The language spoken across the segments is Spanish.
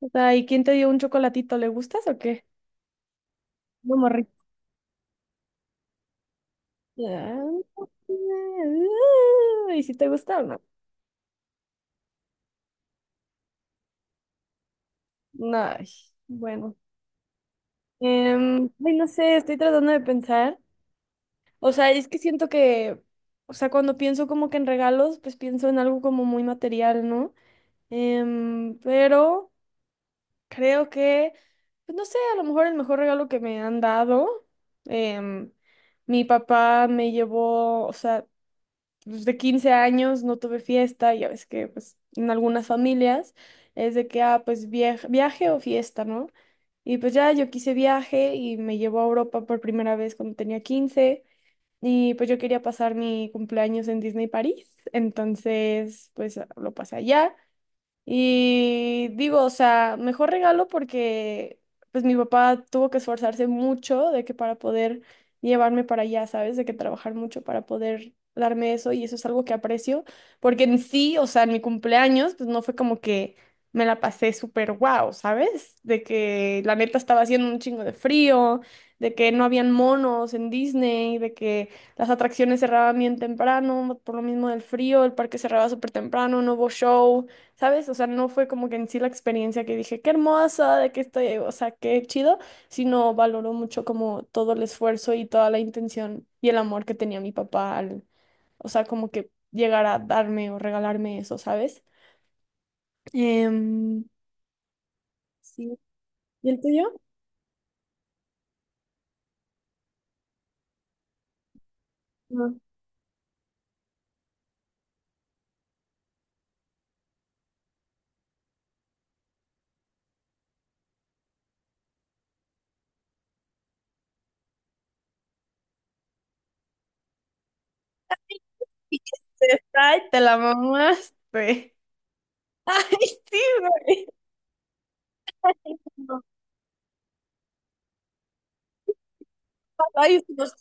O sea, ¿y quién te dio un chocolatito? ¿Le gustas o qué? No, morri. ¿Y si te gusta o no? No, ay, bueno. Ay, no sé, estoy tratando de pensar. O sea, es que siento que, o sea, cuando pienso como que en regalos, pues pienso en algo como muy material, ¿no? Pero creo que, pues no sé, a lo mejor el mejor regalo que me han dado, em, mi papá me llevó, o sea, pues, de 15 años no tuve fiesta, ya ves que pues en algunas familias es de que, ah, pues viaje, viaje o fiesta, ¿no? Y pues ya yo quise viaje y me llevó a Europa por primera vez cuando tenía 15 y pues yo quería pasar mi cumpleaños en Disney París, entonces pues lo pasé allá y digo, o sea, mejor regalo porque pues mi papá tuvo que esforzarse mucho de que para poder llevarme para allá, ¿sabes? De que trabajar mucho para poder darme eso y eso es algo que aprecio, porque en sí, o sea, en mi cumpleaños, pues no fue como que me la pasé súper guau, ¿sabes? De que la neta estaba haciendo un chingo de frío, de que no habían monos en Disney, de que las atracciones cerraban bien temprano, por lo mismo del frío, el parque cerraba súper temprano, no hubo show. ¿Sabes? O sea, no fue como que en sí la experiencia que dije, qué hermosa, de que estoy, o sea, qué chido, sino valoró mucho como todo el esfuerzo y toda la intención y el amor que tenía mi papá al, o sea, como que llegar a darme o regalarme eso, ¿sabes? Em, sí. ¿Y el tuyo? No. Ay, te la mamaste. Ay, sí, güey. No. Ay, Dios.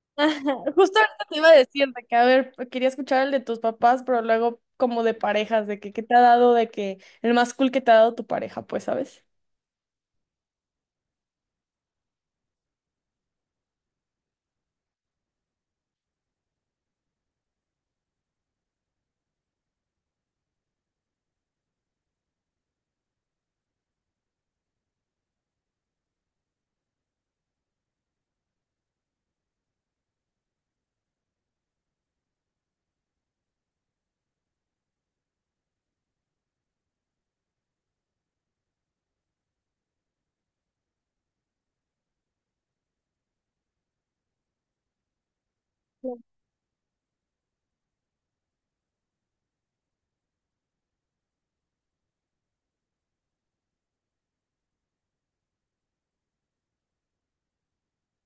Ajá, justo ahorita te iba a decir de que, a ver, quería escuchar el de tus papás, pero luego como de parejas, de que qué te ha dado, de que el más cool que te ha dado tu pareja, pues, ¿sabes? Sí.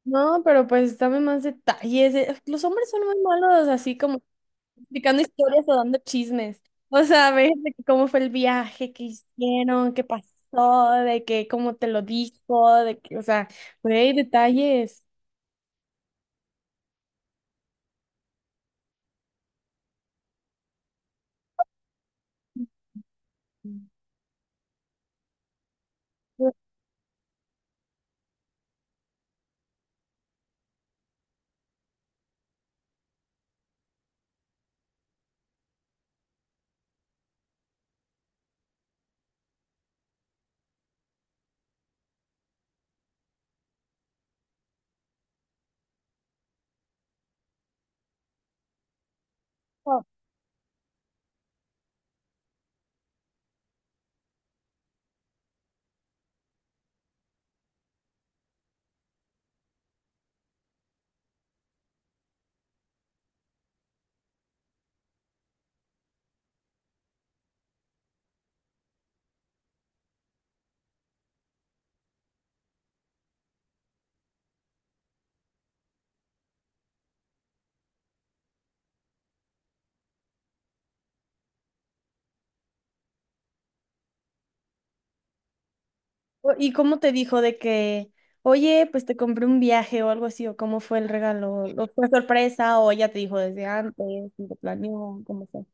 No, pero pues dame más detalles. Los hombres son muy malos, así como explicando historias o dando chismes. O sea, a ver, de que cómo fue el viaje, qué hicieron, qué pasó, de que cómo te lo dijo, de que, o sea, güey, detalles. Ujú. O- ¿Y cómo te dijo de que, oye, pues te compré un viaje o algo así, o cómo fue el regalo? ¿O fue sorpresa o ella te dijo desde antes y lo planeó? ¿Cómo fue?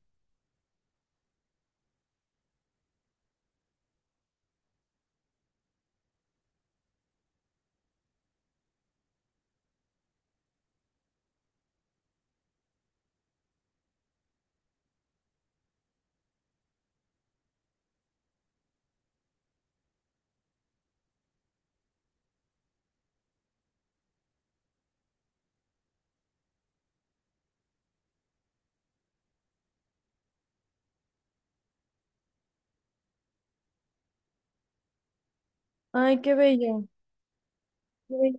Ay, qué bello. Qué bello.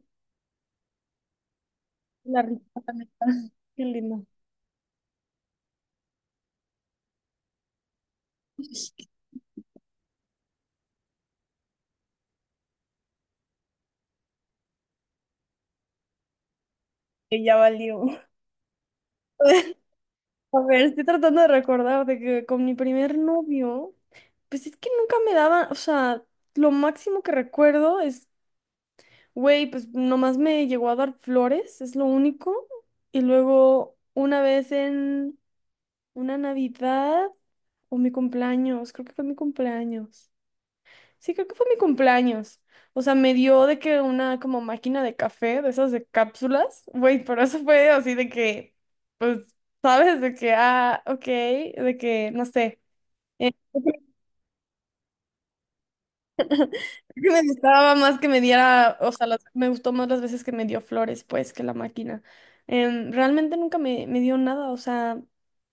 La rica, la neta. Qué lindo. Que ya valió. A ver, estoy tratando de recordar de que con mi primer novio, pues es que nunca me daban, o sea, lo máximo que recuerdo es, güey, pues nomás me llegó a dar flores, es lo único. Y luego una vez en una Navidad o mi cumpleaños, creo que fue mi cumpleaños. Sí, creo que fue mi cumpleaños. O sea, me dio de que una como máquina de café, de esas de cápsulas. Güey, pero eso fue así de que, pues, ¿sabes? De que, ah, ok, de que, no sé. Eh, Yo necesitaba más que me diera, o sea, las- me gustó más las veces que me dio flores, pues, que la máquina. Realmente nunca me, me dio nada, o sea,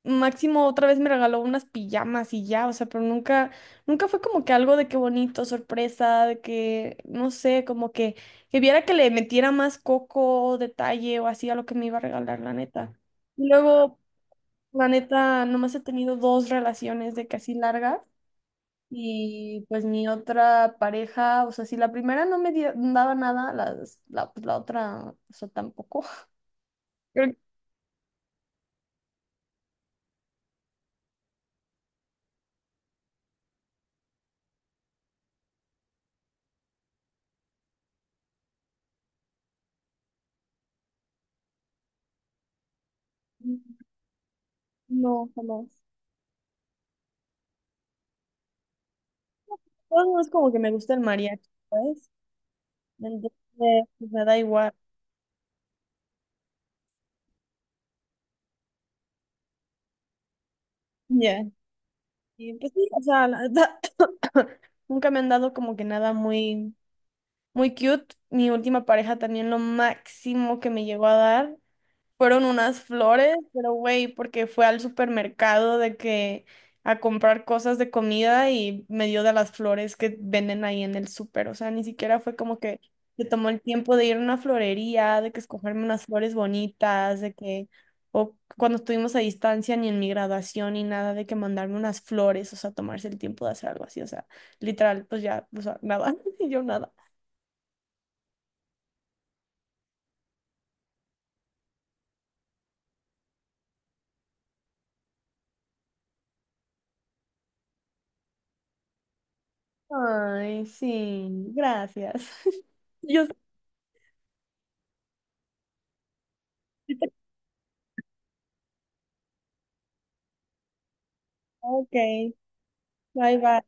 máximo otra vez me regaló unas pijamas y ya, o sea, pero nunca, nunca fue como que algo de qué bonito, sorpresa, de que, no sé, como que viera que le metiera más coco, detalle o así a lo que me iba a regalar, la neta. Y luego, la neta, nomás he tenido dos relaciones de casi largas. Y pues mi otra pareja, o sea, si la primera no me dio, daba nada, las- la, pues, la otra, o sea, tampoco. Creo que no, jamás. Pues, no es como que me gusta el mariachi, ¿sabes? Entonces, pues me da igual. Ya. Y pues sí, o sea, la verdad, nunca me han dado como que nada muy, muy cute. Mi última pareja también lo máximo que me llegó a dar, fueron unas flores, pero güey, porque fue al supermercado de que a comprar cosas de comida y me dio de las flores que venden ahí en el súper. O sea, ni siquiera fue como que se tomó el tiempo de ir a una florería, de que escogerme unas flores bonitas, de que, o cuando estuvimos a distancia, ni en mi graduación, ni nada, de que mandarme unas flores, o sea, tomarse el tiempo de hacer algo así. O sea, literal, pues ya, o sea, nada, y yo nada. Ay, sí, gracias. Yo, ok. Bye bye.